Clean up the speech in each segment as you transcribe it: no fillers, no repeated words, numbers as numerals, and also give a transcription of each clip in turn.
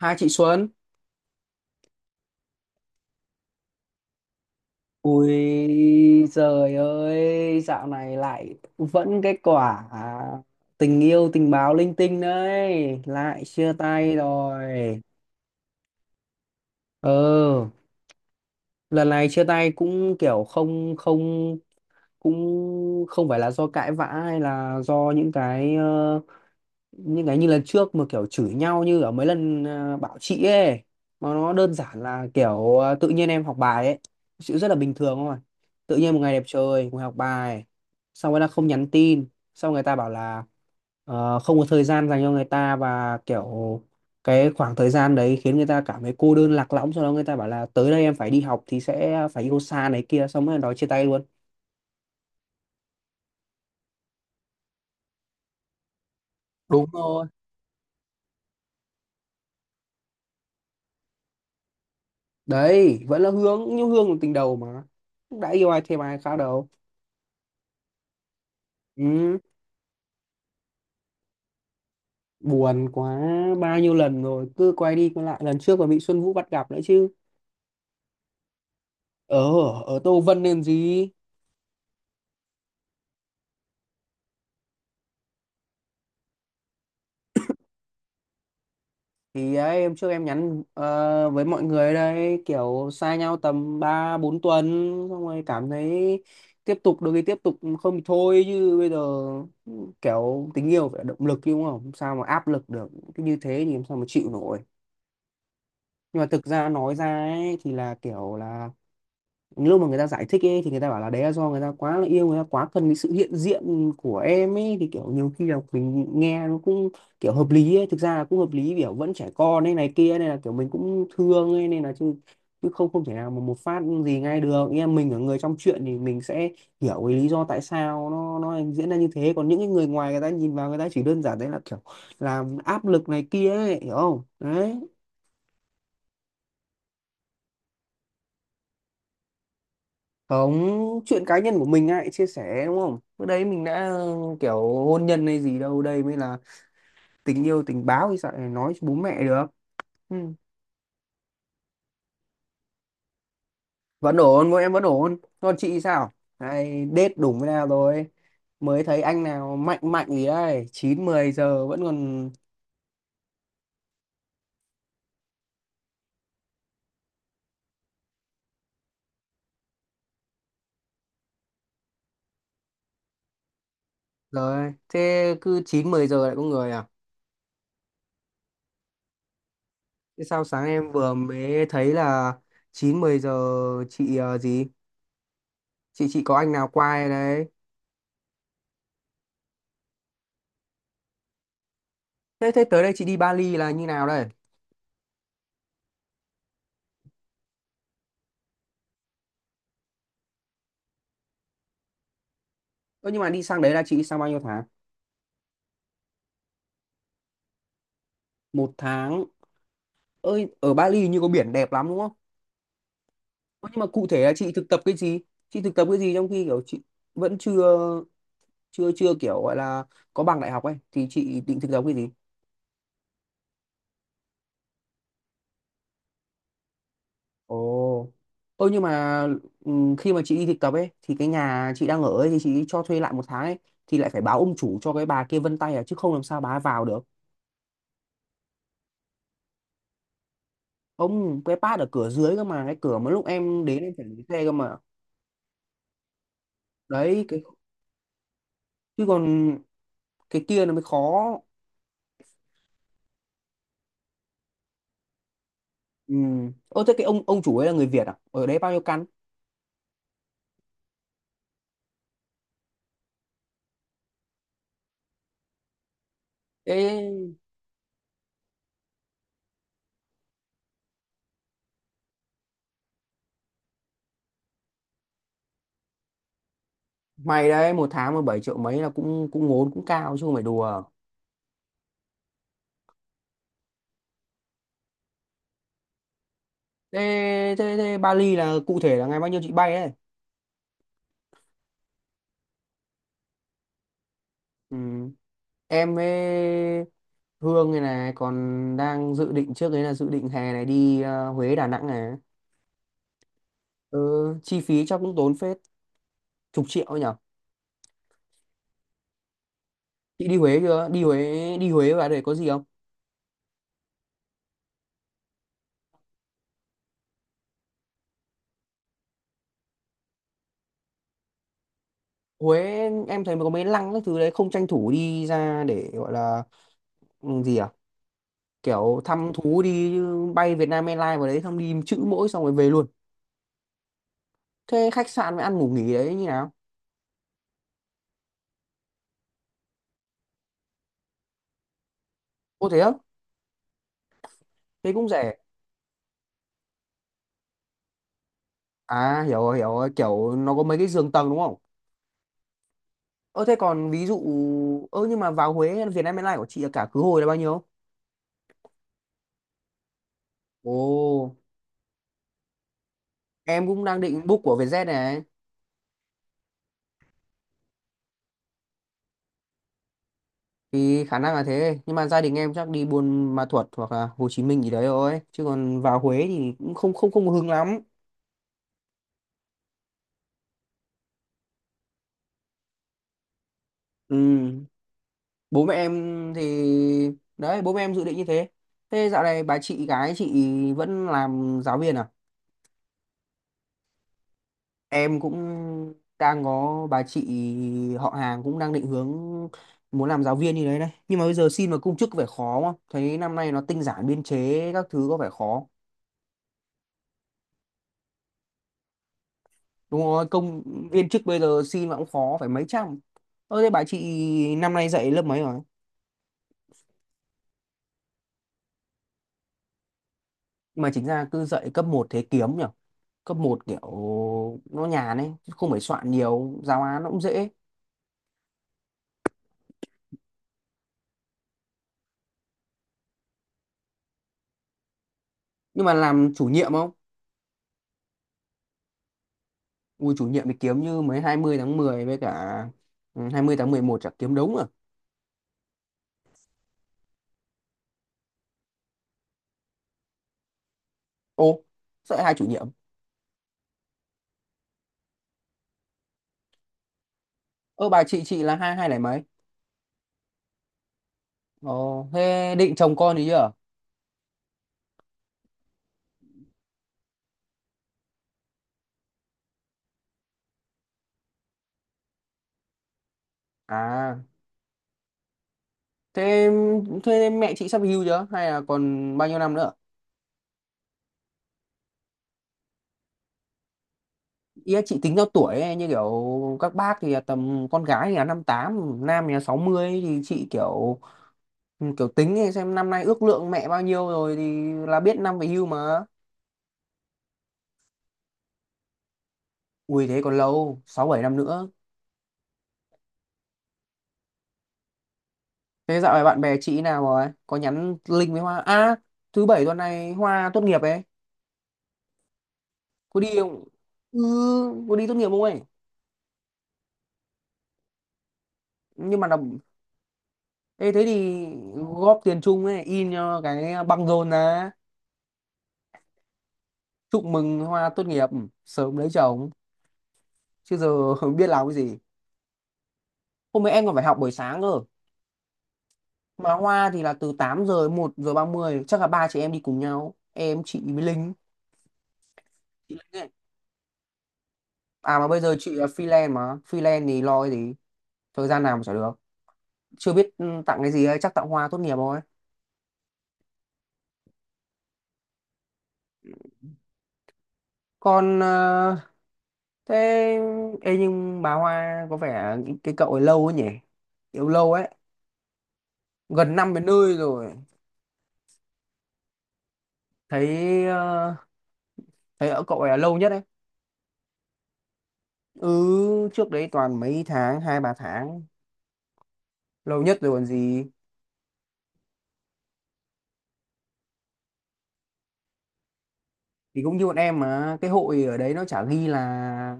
Hai chị Xuân. Ui giời ơi, dạo này lại vẫn cái quả tình yêu tình báo linh tinh đấy. Lại chia tay rồi. Ừ, lần này chia tay cũng kiểu không không cũng không phải là do cãi vã hay là do những cái những cái như lần trước mà kiểu chửi nhau như ở mấy lần, bảo chị ấy mà nó đơn giản là kiểu tự nhiên em học bài ấy, sự rất là bình thường thôi. Tự nhiên một ngày đẹp trời ngồi học bài xong rồi là không nhắn tin, xong người ta bảo là không có thời gian dành cho người ta và kiểu cái khoảng thời gian đấy khiến người ta cảm thấy cô đơn lạc lõng. Sau đó người ta bảo là tới đây em phải đi học thì sẽ phải yêu xa này kia, xong rồi nói chia tay luôn. Đúng rồi, đấy vẫn là Hương, nhưng Hương là tình đầu mà, đã yêu ai thêm ai khác đâu. Ừ, buồn quá. Bao nhiêu lần rồi cứ quay đi quay lại, lần trước còn bị Xuân Vũ bắt gặp nữa chứ. Ở, ở Tô Vân nên gì. Thì ấy, em trước em nhắn với mọi người đây kiểu xa nhau tầm 3 4 tuần xong rồi cảm thấy tiếp tục được thì tiếp tục, không thì thôi. Chứ bây giờ kiểu tình yêu phải là động lực chứ, đúng không? Sao mà áp lực được, cứ như thế thì em sao mà chịu nổi. Nhưng mà thực ra nói ra ấy thì là kiểu là lúc mà người ta giải thích ấy thì người ta bảo là đấy là do người ta quá là yêu, người ta quá cần cái sự hiện diện của em ấy, thì kiểu nhiều khi là mình nghe nó cũng kiểu hợp lý ấy, thực ra là cũng hợp lý, kiểu vẫn trẻ con ấy này kia nên là kiểu mình cũng thương ấy, nên là chứ chứ không không thể nào mà một phát gì ngay được. Nghe mình ở người trong chuyện thì mình sẽ hiểu cái lý do tại sao nó diễn ra như thế, còn những cái người ngoài người ta nhìn vào người ta chỉ đơn giản đấy là kiểu làm áp lực này kia ấy, hiểu không đấy. Không, chuyện cá nhân của mình ai chia sẻ, đúng không? Bữa đấy mình đã kiểu hôn nhân hay gì đâu, đây mới là tình yêu tình báo thì sao lại nói cho bố mẹ được. Ừ. Vẫn ổn, mỗi em vẫn ổn. Còn chị sao? Ai đết đúng với nào rồi? Mới thấy anh nào mạnh mạnh gì đấy, 9 10 giờ vẫn còn rồi. Thế cứ 9 10 giờ lại có người à? Thế sao sáng em vừa mới thấy là 9 10 giờ chị gì? Chị có anh nào qua đây đấy? Thế thế, tới đây chị đi Bali là như nào đây? Ơ nhưng mà đi sang đấy là chị đi sang bao nhiêu tháng? Một tháng. Ơi ở Bali như có biển đẹp lắm đúng không? Ơ, nhưng mà cụ thể là chị thực tập cái gì? Chị thực tập cái gì trong khi kiểu chị vẫn chưa chưa chưa kiểu gọi là có bằng đại học ấy thì chị định thực tập cái gì? Ồ. Ơ nhưng mà khi mà chị đi thực tập ấy thì cái nhà chị đang ở ấy thì chị cho thuê lại một tháng ấy thì lại phải báo ông chủ cho cái bà kia vân tay, à chứ không làm sao bà ấy vào được. Ông cái pad ở cửa dưới cơ mà, cái cửa mà lúc em đến em phải lấy xe cơ mà. Đấy cái, chứ còn cái kia nó mới khó. Ừ. Ô thế cái ông chủ ấy là người Việt à, ở đấy bao nhiêu căn? Thế mày đấy, một tháng mà 7 triệu mấy là cũng cũng ngốn, cũng cao chứ không phải đùa. Thế thế, thế Bali là cụ thể là ngày bao nhiêu chị bay đấy? Ừ. Em với Hương này này còn đang dự định, trước đấy là dự định hè này đi Huế, Đà Nẵng này. Ừ, chi phí chắc cũng tốn phết, chục triệu ấy nhở. Chị đi Huế chưa? Đi Huế, đi Huế và để có gì không? Huế em thấy mà có mấy lăng các thứ đấy, không tranh thủ đi ra để gọi là ừ, gì à, kiểu thăm thú đi chứ bay Việt Nam Airlines vào đấy xong đi chữ mỗi xong rồi về luôn. Thế khách sạn với ăn ngủ nghỉ đấy như nào? Ô thế á? Thế cũng rẻ. À hiểu rồi, hiểu rồi, kiểu nó có mấy cái giường tầng đúng không. Ơ thế còn ví dụ, ơ nhưng mà vào Huế Việt Nam Airlines của chị là cả khứ hồi là bao nhiêu? Ồ, em cũng đang định book của Vietjet này. Thì khả năng là thế, nhưng mà gia đình em chắc đi Buôn Ma Thuột hoặc là Hồ Chí Minh gì đấy thôi, chứ còn vào Huế thì cũng không không không hứng lắm. Ừ, bố mẹ em thì, đấy bố mẹ em dự định như thế. Thế dạo này bà chị gái chị vẫn làm giáo viên à? Em cũng đang có bà chị họ hàng cũng đang định hướng muốn làm giáo viên như đấy đấy, nhưng mà bây giờ xin vào công chức có vẻ khó, không thấy năm nay nó tinh giản biên chế các thứ, có vẻ khó. Đúng rồi, công viên chức bây giờ xin mà cũng khó, phải mấy trăm. Ơ thế bà chị năm nay dạy lớp mấy rồi? Mà chính ra cứ dạy cấp một thế kiếm nhỉ, cấp một kiểu nó nhàn ấy chứ, không phải soạn nhiều giáo án, nó cũng dễ. Nhưng mà làm chủ nhiệm không? Ui, chủ nhiệm thì kiếm, như mấy 20 tháng 10 với cả 20 tháng 11 chả kiếm đống à. Ô, sợ hai chủ nhiệm. Ơ bà chị là hai hai này mấy. Ồ thế định chồng con thì chưa? À thế thế mẹ chị sắp hưu chưa hay là còn bao nhiêu năm nữa? Ý là chị tính theo tuổi ấy, như kiểu các bác thì là tầm con gái thì là 58, nam thì là 60, thì chị kiểu, ừ, kiểu tính thì xem năm nay ước lượng mẹ bao nhiêu rồi thì là biết năm về hưu mà. Ui thế còn lâu, 6 7 năm nữa. Thế dạo này bạn bè chị nào rồi? Có nhắn link với Hoa. À, thứ bảy tuần này Hoa tốt nghiệp ấy. Có đi không? Ừ, có đi tốt nghiệp không ấy? Nhưng mà là, ê, thế thì góp tiền chung ấy, in cho cái băng rôn ra. Chúc mừng Hoa tốt nghiệp, sớm lấy chồng. Chứ giờ không biết làm cái gì. Hôm nay em còn phải học buổi sáng cơ. Mà Hoa thì là từ 8 giờ đến 1 giờ 30, chắc là ba chị em đi cùng nhau, em chị với Linh, chị Linh ấy. À mà bây giờ chị là freelance mà, freelance thì lo cái gì, thời gian nào mà chả được. Chưa biết ừ, tặng cái gì ấy, chắc tặng Hoa tốt nghiệp thôi. Còn thế, ê nhưng bà Hoa có vẻ cái cậu ấy lâu ấy nhỉ, yêu lâu ấy, gần năm đến nơi rồi. Thấy thấy ở cậu ấy là lâu nhất ấy. Ừ, trước đấy toàn mấy tháng, 2 3 tháng. Lâu nhất rồi còn gì. Thì cũng như bọn em mà, cái hội ở đấy nó chả ghi là,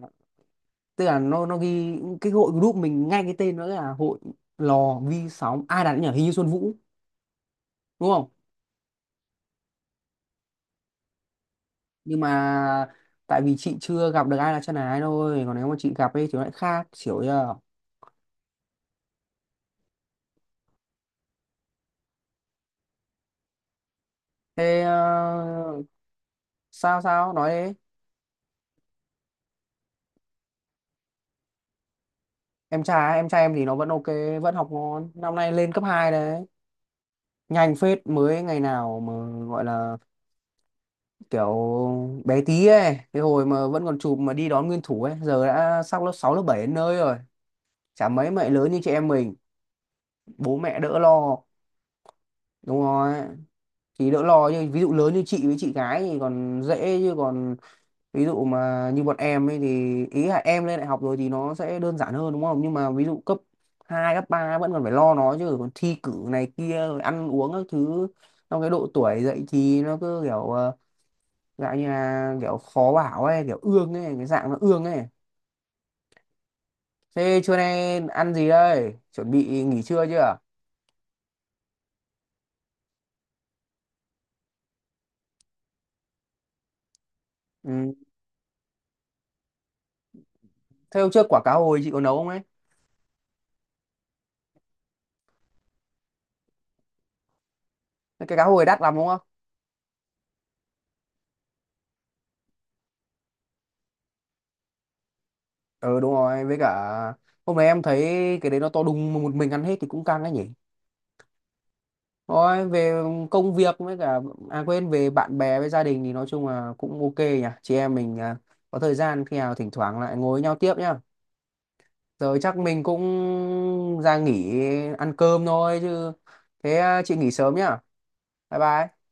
tức là nó ghi cái hội group mình, ngay cái tên nó là hội lò vi sóng, ai đặt nhỉ, hình như Xuân Vũ đúng không. Nhưng mà tại vì chị chưa gặp được ai là chân ái thôi, còn nếu mà chị gặp ấy thì nó lại khác, hiểu chưa. Thế, sao sao nói đấy. Em trai em thì nó vẫn ok, vẫn học ngon, năm nay lên cấp 2 đấy. Nhanh phết, mới ngày nào mà gọi là kiểu bé tí ấy, cái hồi mà vẫn còn chụp mà đi đón nguyên thủ ấy, giờ đã sang lớp 6 lớp 7 đến nơi rồi. Chả mấy mẹ lớn như chị em mình. Bố mẹ đỡ lo. Đúng rồi, thì đỡ lo nhưng ví dụ lớn như chị với chị gái thì còn dễ chứ, còn ví dụ mà như bọn em ấy thì ý là em lên đại học rồi thì nó sẽ đơn giản hơn đúng không, nhưng mà ví dụ cấp 2 cấp 3 vẫn còn phải lo nó chứ, còn thi cử này kia rồi ăn uống các thứ. Trong cái độ tuổi dậy thì nó cứ kiểu dạng như là kiểu khó bảo ấy, kiểu ương ấy, cái dạng nó ương ấy. Thế trưa nay ăn gì đây, chuẩn bị nghỉ trưa chưa? Ừ. Thế hôm trước quả cá hồi chị có nấu không ấy? Cái cá hồi đắt lắm đúng không? Ừ đúng rồi, với cả hôm nay em thấy cái đấy nó to đùng, mà một mình ăn hết thì cũng căng đấy nhỉ. Thôi về công việc với cả, à quên, về bạn bè với gia đình thì nói chung là cũng ok nhỉ. Chị em mình à, có thời gian khi nào thỉnh thoảng lại ngồi với nhau tiếp nhá. Giờ chắc mình cũng ra nghỉ ăn cơm thôi chứ. Thế à, chị nghỉ sớm nhá. Bye bye.